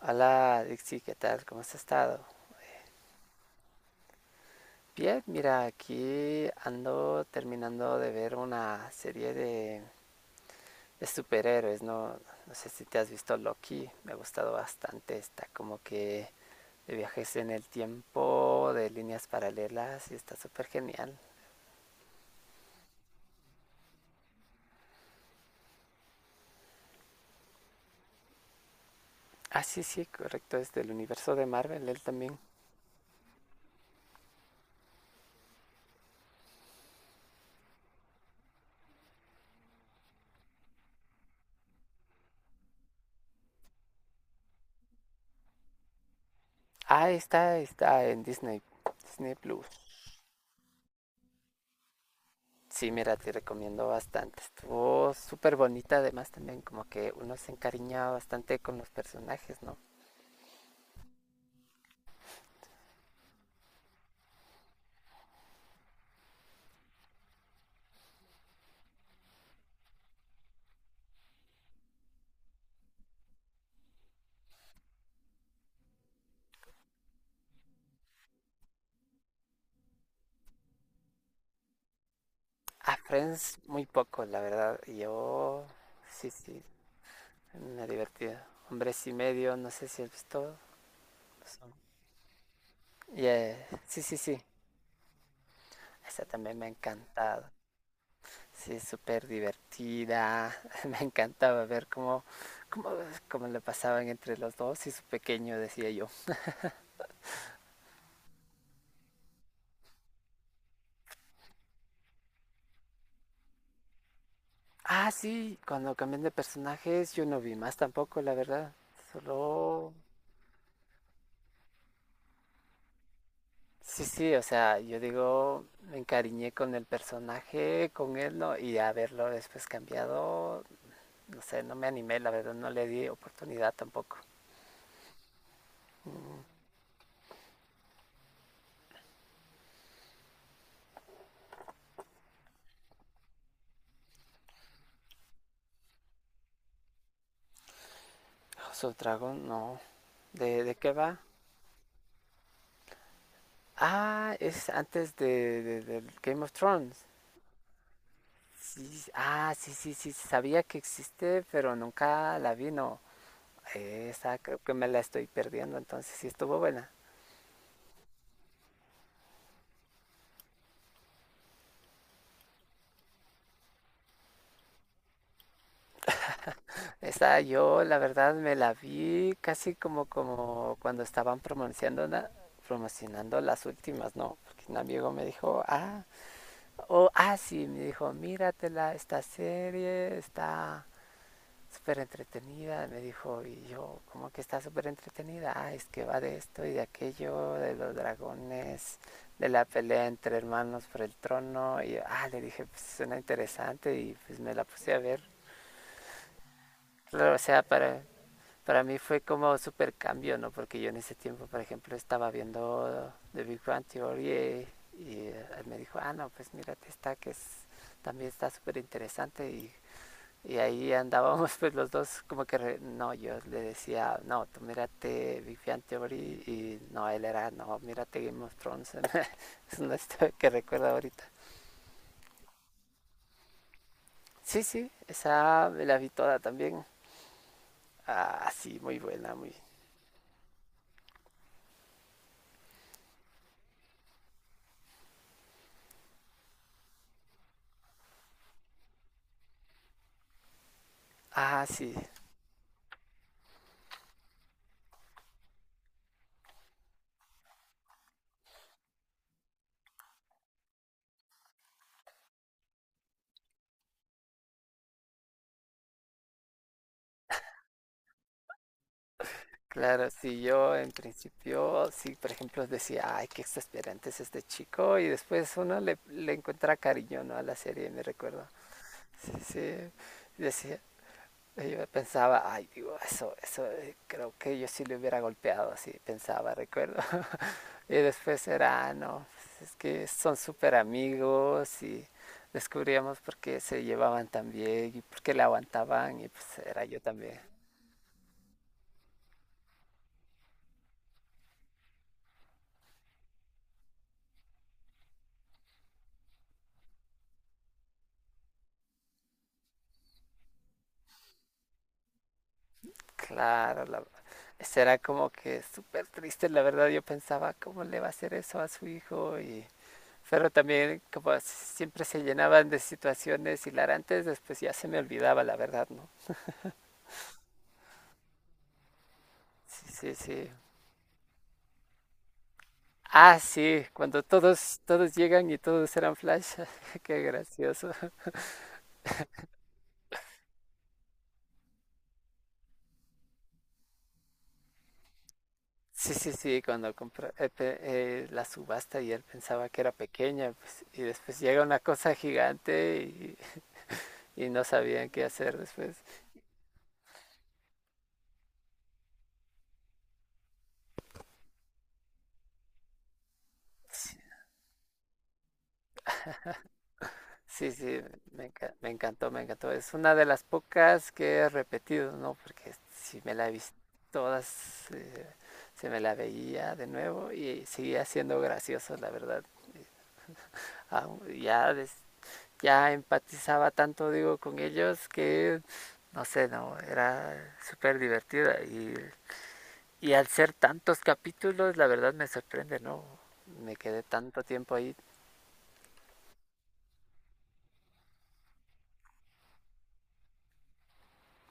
Hola Dixie, ¿qué tal? ¿Cómo has estado? Bien, mira, aquí ando terminando de ver una serie de superhéroes, ¿no? No sé si te has visto Loki, me ha gustado bastante, está como que de viajes en el tiempo, de líneas paralelas y está súper genial. Ah, sí, sí, correcto, es del universo de Marvel, él también. Ah, está en Disney, Disney Plus. Sí, mira, te recomiendo bastante. Estuvo súper bonita, además también como que uno se encariñaba bastante con los personajes, ¿no? A Friends muy poco, la verdad. Yo, sí, sí, me ha divertido. Hombres y medio, no sé si has visto. Son- Yeah, sí, sí, sí. Esa también me ha encantado. Sí, es súper divertida. Me encantaba ver cómo, cómo le pasaban entre los dos y su pequeño, decía yo. Ah, sí, cuando cambian de personajes yo no vi más tampoco, la verdad. Solo... Sí, sí, o sea, yo digo, me encariñé con el personaje, con él, ¿no? Y a verlo después cambiado, no sé, no me animé, la verdad, no le di oportunidad tampoco. House of Dragon, no. ¿De qué va? Ah, es antes del Game of Thrones. Sí, ah, sí, sí, sí, sabía que existe, pero nunca la vi, ¿no? Esa creo que me la estoy perdiendo, entonces sí estuvo buena. Esa yo la verdad me la vi casi como, como cuando estaban promocionando, promocionando las últimas, ¿no? Porque un amigo me dijo, ah, o ah, sí, me dijo, míratela, esta serie está súper entretenida, me dijo, y yo, como que está súper entretenida, ah, es que va de esto y de aquello, de los dragones, de la pelea entre hermanos por el trono, y yo, ah, le dije, pues suena interesante, y pues me la puse a ver. Claro, o sea, para mí fue como súper cambio, ¿no? Porque yo en ese tiempo, por ejemplo, estaba viendo The Big Bang Theory, y él me dijo, ah, no, pues mírate esta que es, también está súper interesante, y ahí andábamos pues los dos como que, no, yo le decía, no, tú mírate Big Bang Theory y no, él era, no, mírate Game of Thrones. Es una historia que recuerdo ahorita. Sí, sí, esa me la vi toda también. Ah, sí, muy buena, muy... Ah, sí, claro, sí, yo en principio, sí, por ejemplo, decía, ay, qué exasperante es este chico, y después uno le encuentra cariño, ¿no? A la serie, me recuerdo. Sí, sí, decía, yo pensaba, ay, digo, eso, creo que yo sí le hubiera golpeado, así pensaba, recuerdo. Y después era, "Ah, no, pues es que son súper amigos y descubríamos por qué se llevaban tan bien y por qué le aguantaban y pues era yo también". Claro, la, eso era como que súper triste, la verdad yo pensaba, ¿cómo le va a hacer eso a su hijo? Y, pero también como siempre se llenaban de situaciones hilarantes, después ya se me olvidaba, la verdad, ¿no? Sí, sí, sí. Ah, sí, cuando todos, todos llegan y todos eran Flash. Qué gracioso. Sí, sí, sí, cuando compró la subasta y él pensaba que era pequeña, pues, y después llega una cosa gigante y no sabían qué hacer después. Sí, sí, sí, me encantó, me encantó. Es una de las pocas que he repetido, ¿no? Porque si me la he visto todas, se me la veía de nuevo y seguía siendo gracioso, la verdad. Ah, ya, ya empatizaba tanto, digo, con ellos que, no sé, no, era súper divertida. Y al ser tantos capítulos, la verdad me sorprende, ¿no? Me quedé tanto tiempo ahí.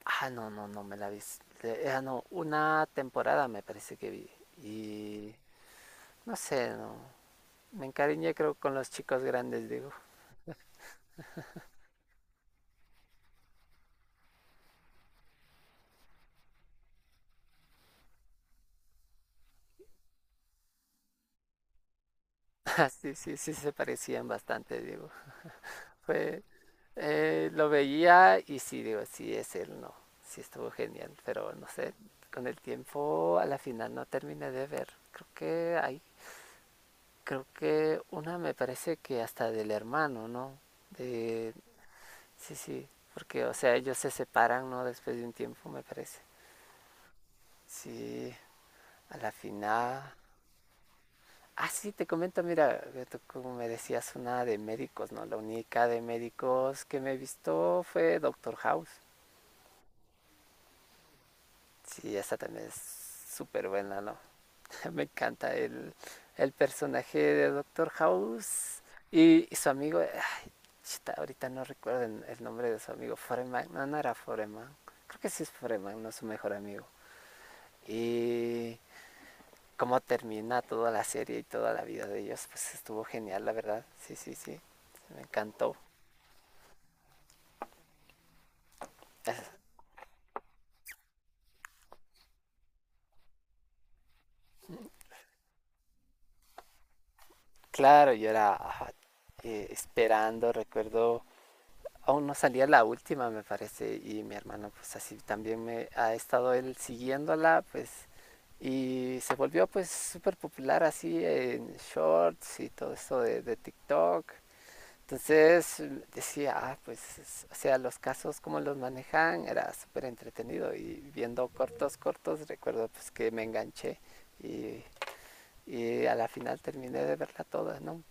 Ah, no, no, no me la vi. Ah, no, una temporada me parece que vi. Y no sé, no. Me encariñé creo con los chicos grandes, digo. Sí, sí, sí se parecían bastante, digo. Fue, lo veía y sí, digo, sí es él, no. Sí estuvo genial, pero no sé, con el tiempo a la final no terminé de ver. Creo que hay, creo que una me parece que hasta del hermano, ¿no? De, sí, sí, porque, o sea, ellos se separan, ¿no? Después de un tiempo, me parece. Sí, a la final. Ah, sí, te comento, mira, tú como me decías, una de médicos, ¿no? La única de médicos que me he visto fue Doctor House. Sí, esta también es súper buena, ¿no? Me encanta el personaje de Doctor House y su amigo. Ay, chuta, ahorita no recuerdo el nombre de su amigo. Foreman, no, no era Foreman. Creo que sí es Foreman, no su mejor amigo. Y cómo termina toda la serie y toda la vida de ellos, pues estuvo genial, la verdad. Sí, sí, sí. Me encantó. Es- Claro, yo era ajá, esperando, recuerdo. Aún no salía la última, me parece, y mi hermano pues así también me ha estado él siguiéndola, pues, y se volvió pues súper popular así en shorts y todo eso de TikTok. Entonces decía, ah, pues, o sea, los casos como los manejan era súper entretenido y viendo cortos, cortos, recuerdo pues que me enganché y, y a la final terminé de verla toda, ¿no?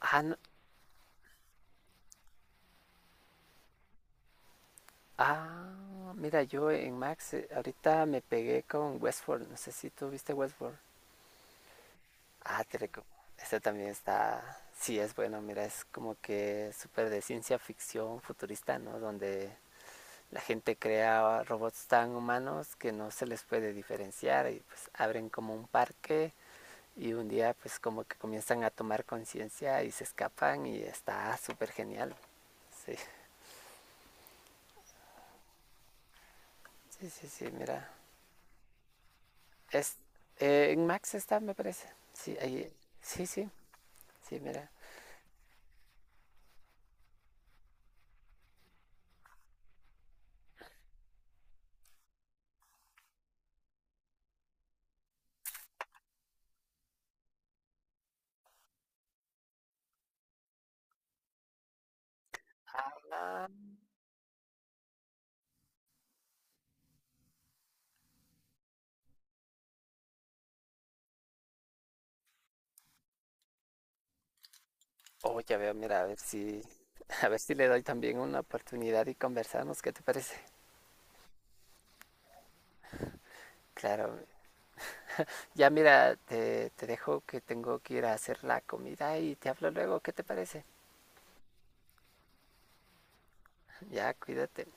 Ah, no, ah, mira, yo en Max ahorita me pegué con Westworld. No sé si tú viste Westworld. Ah, te reco- Esta también está. Sí, es bueno. Mira, es como que súper de ciencia ficción futurista, ¿no? Donde la gente crea robots tan humanos que no se les puede diferenciar y pues abren como un parque y un día pues como que comienzan a tomar conciencia y se escapan y está súper genial. Sí, sí, sí, sí, mira. Es, en Max está, me parece. Sí, ahí, sí, sí, sí, mira. Ah, oh, ya veo, mira, a ver si, a ver si le doy también una oportunidad y conversamos, ¿qué te parece? Claro. Ya mira, te dejo que tengo que ir a hacer la comida y te hablo luego, ¿qué te parece? Ya, cuídate.